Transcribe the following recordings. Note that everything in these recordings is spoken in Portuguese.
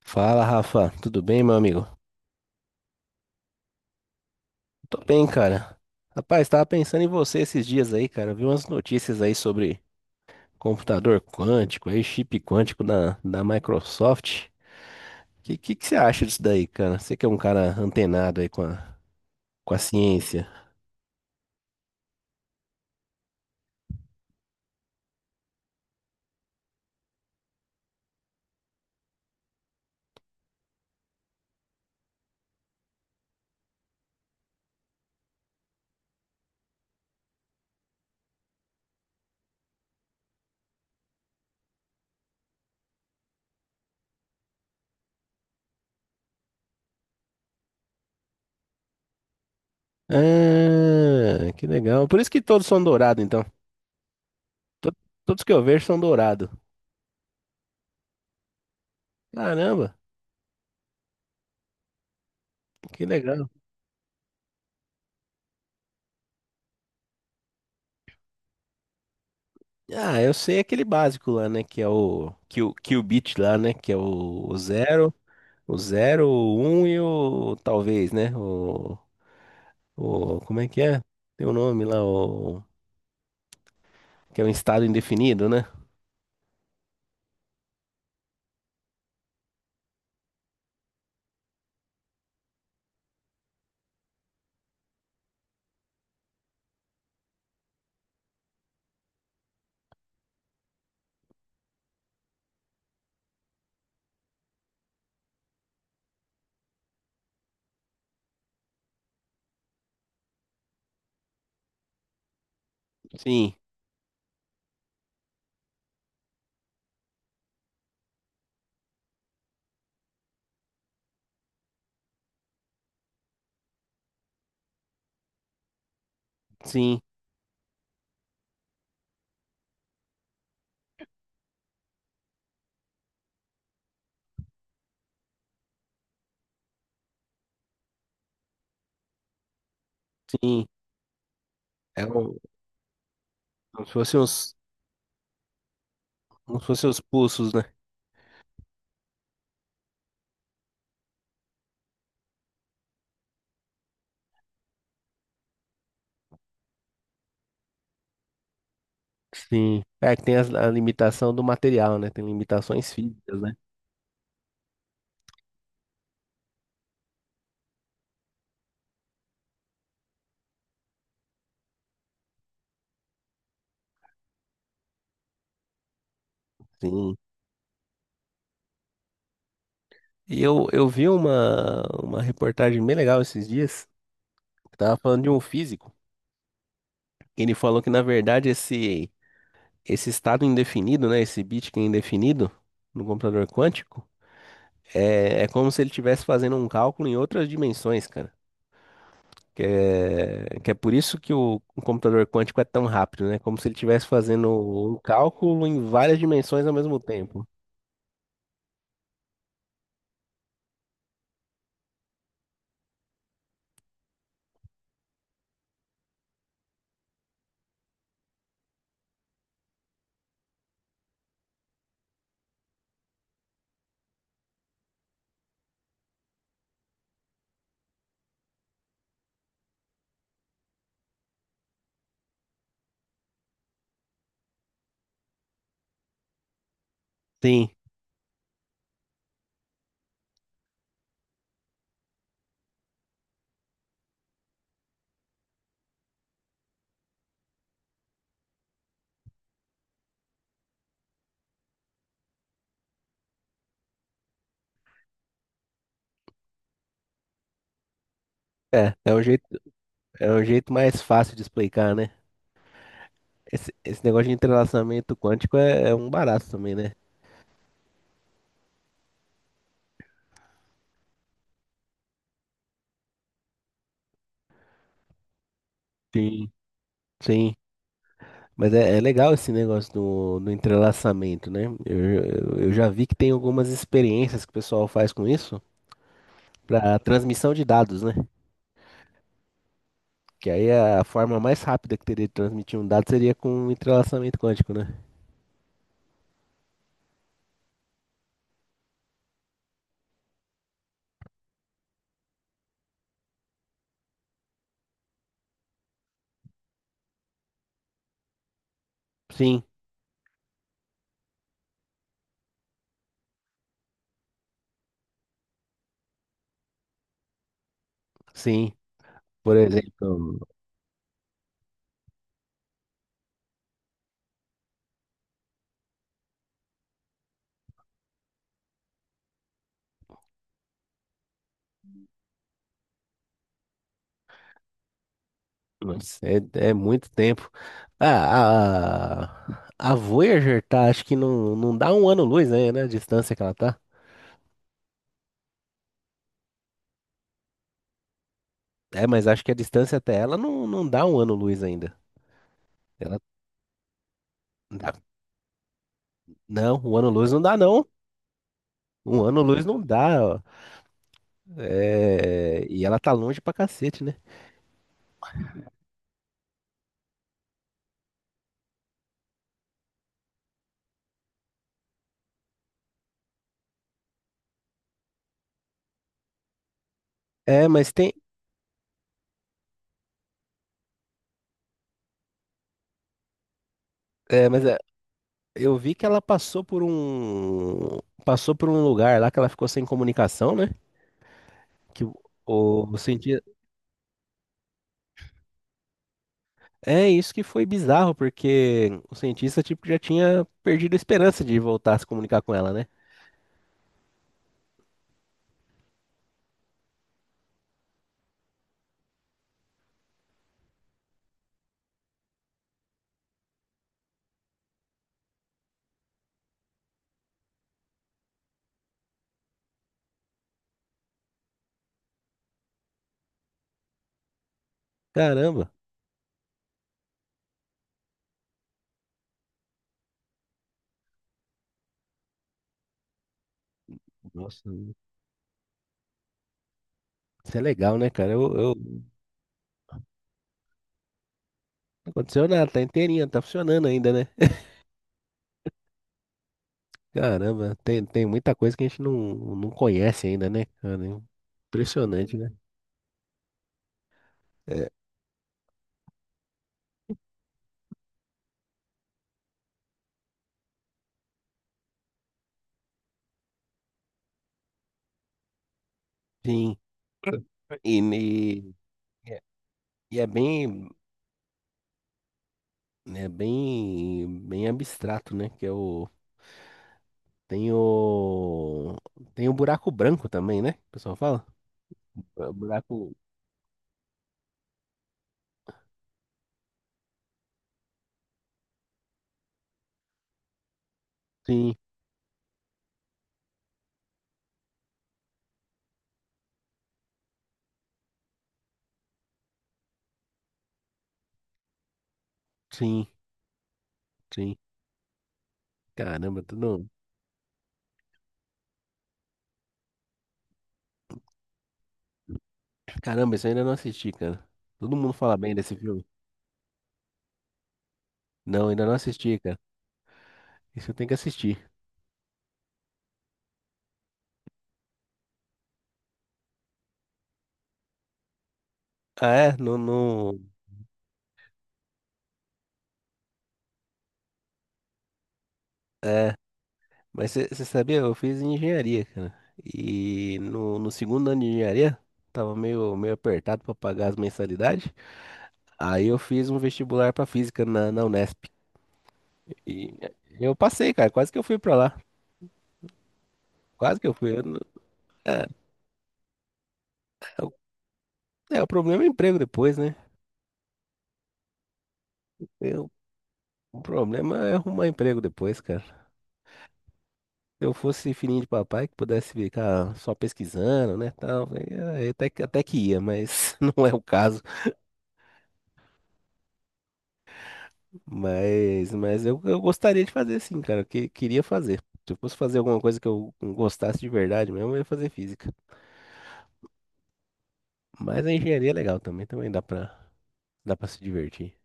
Fala, Rafa. Tudo bem, meu amigo? Tô bem, cara. Rapaz, tava pensando em você esses dias aí, cara. Vi umas notícias aí sobre computador quântico, aí chip quântico da Microsoft. Que você acha disso daí, cara? Você que é um cara antenado aí com com a ciência. Ah, que legal. Por isso que todos são dourados, então. To- Todos que eu vejo são dourados. Caramba, que legal. Ah, eu sei aquele básico lá, né? Que é o bit lá, né? Que é o zero. O zero, o um e o talvez, né? O como é que é? Tem o nome lá, o que é um estado indefinido, né? Sim, sim, sim. É um, como se fossem como se fossem os pulsos, né? Sim. É que tem limitação do material, né? Tem limitações físicas, né? Sim. E eu vi uma reportagem bem legal esses dias, que tava falando de um físico. Ele falou que, na verdade, esse estado indefinido, né? Esse bit que é indefinido no computador quântico. É, é como se ele estivesse fazendo um cálculo em outras dimensões, cara. Que é por isso que o computador quântico é tão rápido, né? Como se ele estivesse fazendo um cálculo em várias dimensões ao mesmo tempo. Sim, é. É um jeito mais fácil de explicar, né? Esse negócio de entrelaçamento quântico é, é um barato também, né? Sim. Sim. Mas é, é legal esse negócio do entrelaçamento, né? Eu já vi que tem algumas experiências que o pessoal faz com isso para transmissão de dados, né? Que aí a forma mais rápida que teria de transmitir um dado seria com um entrelaçamento quântico, né? Sim, sim. Por exemplo, mas é, é muito tempo. Ah, a Voyager tá, acho que não dá um ano-luz, né? A distância que ela tá. É, mas acho que a distância até ela não dá um ano-luz ainda. Ela dá- não, um ano-luz não dá, não. Um ano-luz não dá, ó. É, e ela tá longe pra cacete, né? É, mas tem. É, mas é, Eu vi que ela passou por um, passou por um lugar lá que ela ficou sem comunicação, né? Que o cientista, é isso que foi bizarro, porque o cientista tipo já tinha perdido a esperança de voltar a se comunicar com ela, né? Caramba. Nossa, isso é legal, né, cara? Eu... Não aconteceu nada, tá inteirinha, tá funcionando ainda, né? Caramba, tem muita coisa que a gente não conhece ainda, né, cara? Impressionante, né? É, sim. E, e, e é bem, é bem, bem abstrato, né? Que é o. Tem o. Tem o buraco branco também, né? O pessoal fala? É, buraco. Sim, sim, sim. Caramba, tudo. Caramba, isso eu ainda não assisti, cara. Todo mundo fala bem desse filme. Não, ainda não assisti, cara. Isso eu tenho que assistir. Ah, é? Não, não. É. Mas você sabia, eu fiz engenharia, cara. E no segundo ano de engenharia, tava meio, meio apertado pra pagar as mensalidades. Aí eu fiz um vestibular pra física na Unesp. E eu passei, cara. Quase que eu fui pra lá. Quase que eu fui. Eu não- é, o é, o problema é emprego depois, né? Eu- o problema é arrumar emprego depois, cara. Se eu fosse filhinho de papai que pudesse ficar só pesquisando, né, tal, aí, é, até que ia, mas não é o caso. Mas eu gostaria de fazer sim, cara. Queria fazer. Se eu fosse fazer alguma coisa que eu gostasse de verdade mesmo, eu ia fazer física. Mas a engenharia é legal também, dá pra se divertir.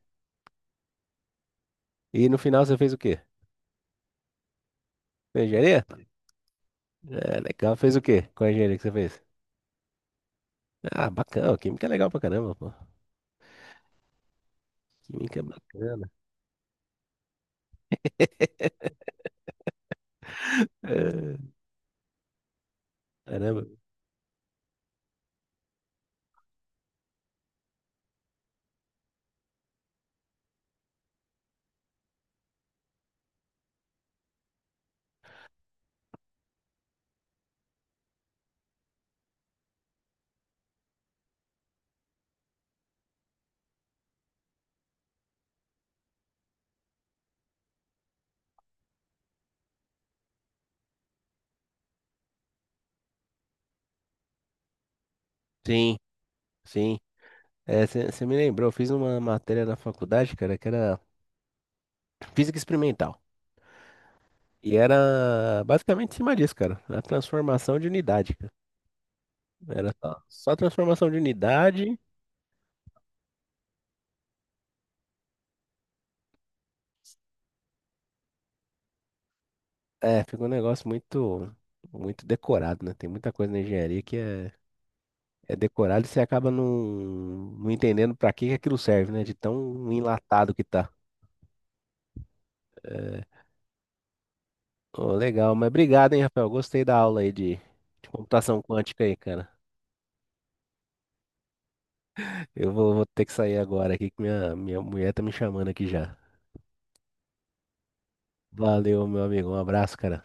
E no final você fez o quê? Fez engenharia? É, legal. Fez o quê? Qual engenharia que você fez? Ah, bacana. Química é legal pra caramba, pô. Química é bacana. É, caramba. Sim, sim. Você me lembrou, eu fiz uma matéria na faculdade, cara, que era física experimental. E era basicamente em cima disso, cara. A transformação de unidade, cara. Era só transformação de unidade. É, ficou um negócio muito, muito decorado, né? Tem muita coisa na engenharia que é, é decorado e você acaba não entendendo para que que aquilo serve, né? De tão enlatado que tá. É, ô, legal, mas obrigado, hein, Rafael? Gostei da aula aí de computação quântica aí, cara. Vou ter que sair agora aqui que minha mulher tá me chamando aqui já. Valeu, meu amigo. Um abraço, cara.